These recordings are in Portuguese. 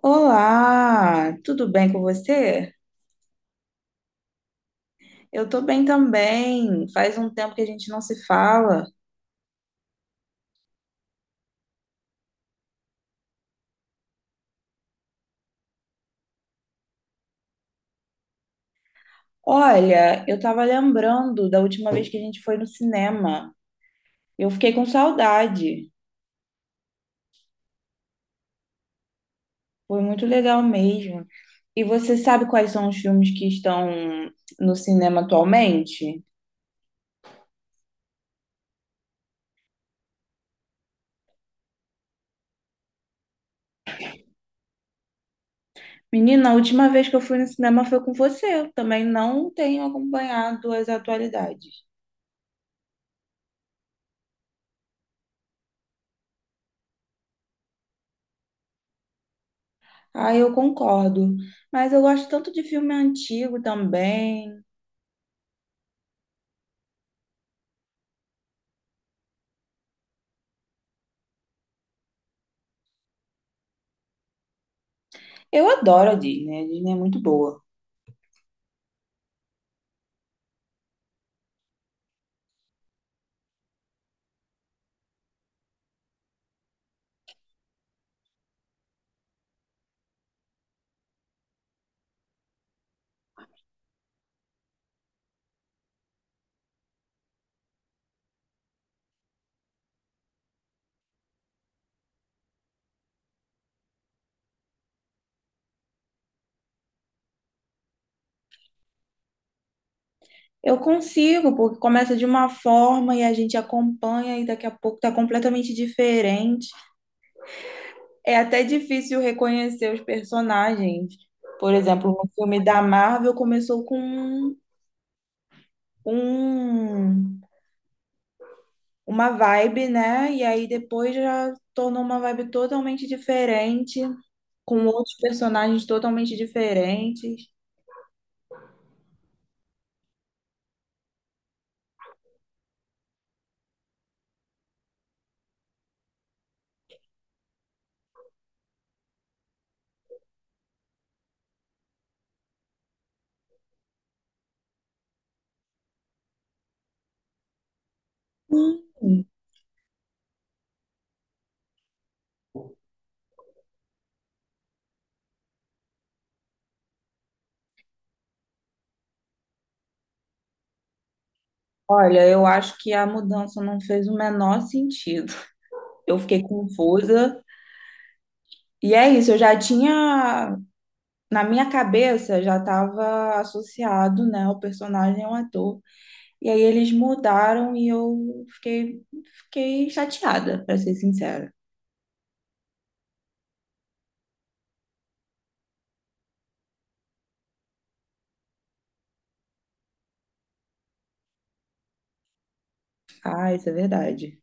Olá, tudo bem com você? Eu tô bem também. Faz um tempo que a gente não se fala. Olha, eu tava lembrando da última vez que a gente foi no cinema. Eu fiquei com saudade. Foi muito legal mesmo. E você sabe quais são os filmes que estão no cinema atualmente? Menina, a última vez que eu fui no cinema foi com você. Eu também não tenho acompanhado as atualidades. Ah, eu concordo. Mas eu gosto tanto de filme antigo também. Eu adoro a Disney é muito boa. Eu consigo, porque começa de uma forma e a gente acompanha e daqui a pouco tá completamente diferente. É até difícil reconhecer os personagens. Por exemplo, no filme da Marvel começou com um- uma vibe, né? E aí depois já tornou uma vibe totalmente diferente, com outros personagens totalmente diferentes. Olha, eu acho que a mudança não fez o menor sentido. Eu fiquei confusa. E é isso, eu já tinha, na minha cabeça, já estava associado, né, o personagem ao ator. E aí eles mudaram e fiquei chateada, para ser sincera. Ah, isso é verdade.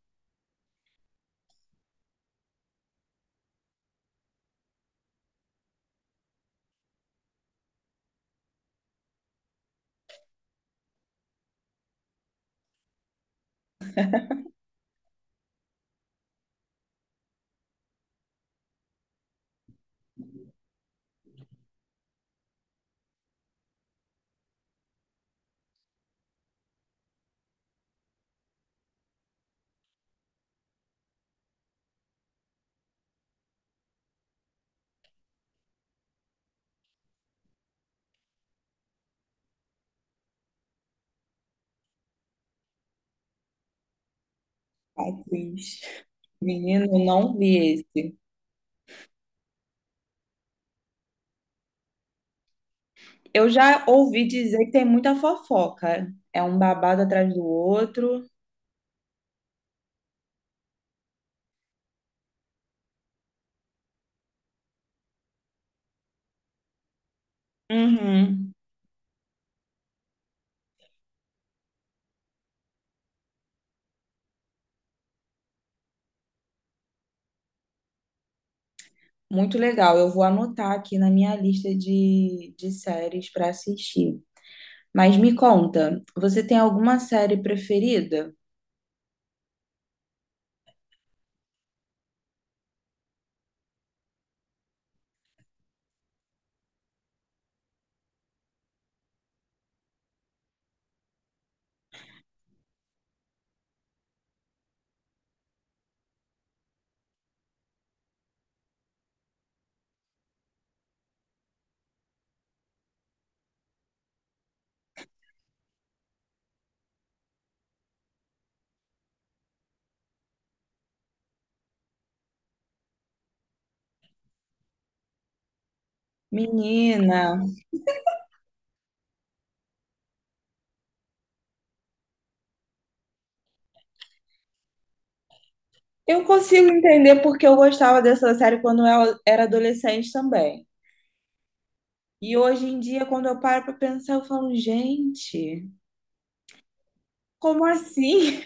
Ai, Cris. Menino, eu não vi esse. Eu já ouvi dizer que tem muita fofoca. É um babado atrás do outro. Uhum. Muito legal. Eu vou anotar aqui na minha lista de séries para assistir. Mas me conta, você tem alguma série preferida? Menina, eu consigo entender porque eu gostava dessa série quando eu era adolescente também. E hoje em dia, quando eu paro para pensar, eu falo, gente, como assim?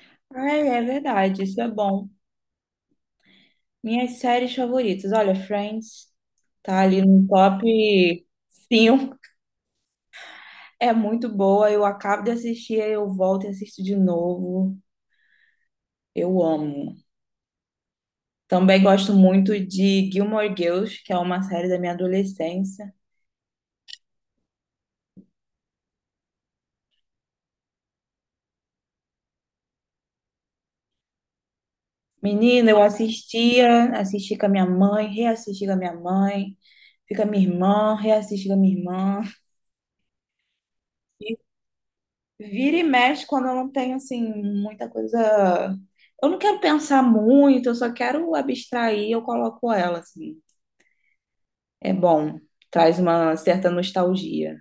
Ai, é verdade, isso é bom. Minhas séries favoritas, olha, Friends tá ali no top 5. É muito boa, eu acabo de assistir, aí eu volto e assisto de novo. Eu amo. Também gosto muito de Gilmore Girls, que é uma série da minha adolescência. Menina, assisti com a minha mãe, reassisti com a minha mãe, fica minha irmã, reassisti com a minha irmã. E vira e mexe quando eu não tenho, assim, muita coisa. Eu não quero pensar muito, eu só quero abstrair, eu coloco ela, assim. É bom, traz uma certa nostalgia.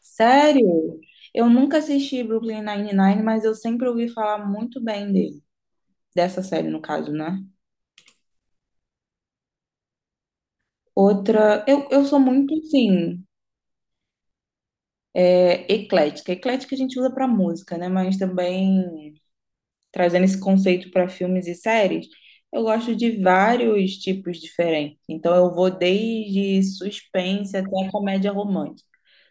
Sério? Eu nunca assisti Brooklyn Nine-Nine, mas eu sempre ouvi falar muito bem dele. Dessa série, no caso, né? Outra, eu sou muito, assim, eclética. Eclética a gente usa para música, né? Mas também trazendo esse conceito para filmes e séries, eu gosto de vários tipos diferentes. Então eu vou desde suspense até comédia romântica.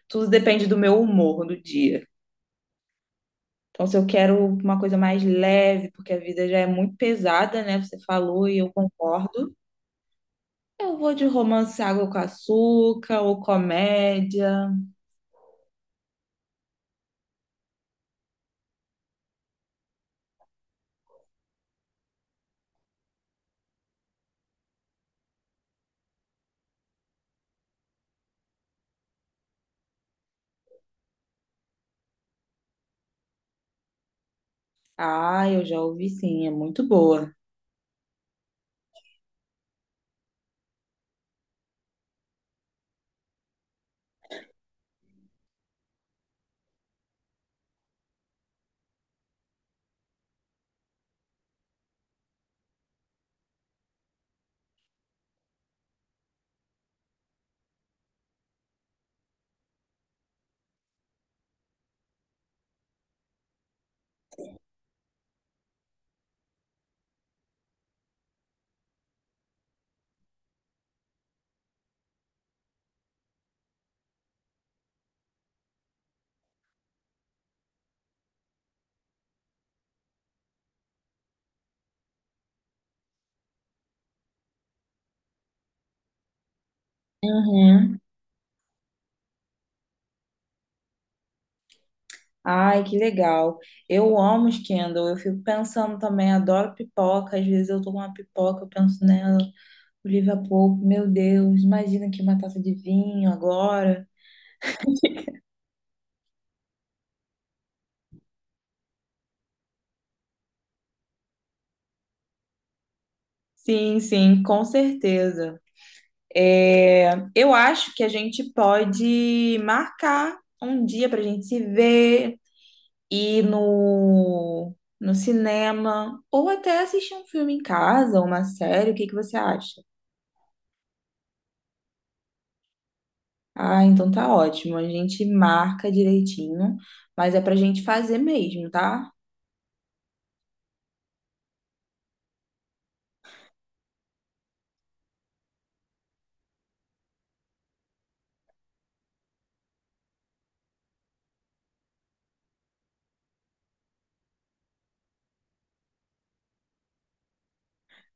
Tudo depende do meu humor do dia. Então, se eu quero uma coisa mais leve, porque a vida já é muito pesada, né? Você falou e eu concordo. Eu vou de romance água com açúcar ou comédia. Ah, eu já ouvi sim, é muito boa. Uhum. Ai, que legal. Eu amo os Kindle. Eu fico pensando também, adoro pipoca. Às vezes eu tô com uma pipoca, eu penso nela, o livro é pouco. Meu Deus, imagina que uma taça de vinho agora. Sim, sim, com certeza. É, eu acho que a gente pode marcar um dia pra gente se ver. Ir no cinema ou até assistir um filme em casa, uma série, o que que você acha? Ah, então tá ótimo. A gente marca direitinho, mas é pra gente fazer mesmo, tá?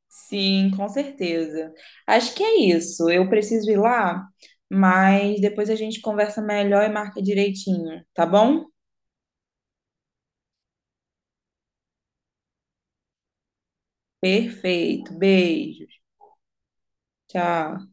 Sim, com certeza. Acho que é isso. Eu preciso ir lá, mas depois a gente conversa melhor e marca direitinho, tá bom? Perfeito. Beijo. Tchau.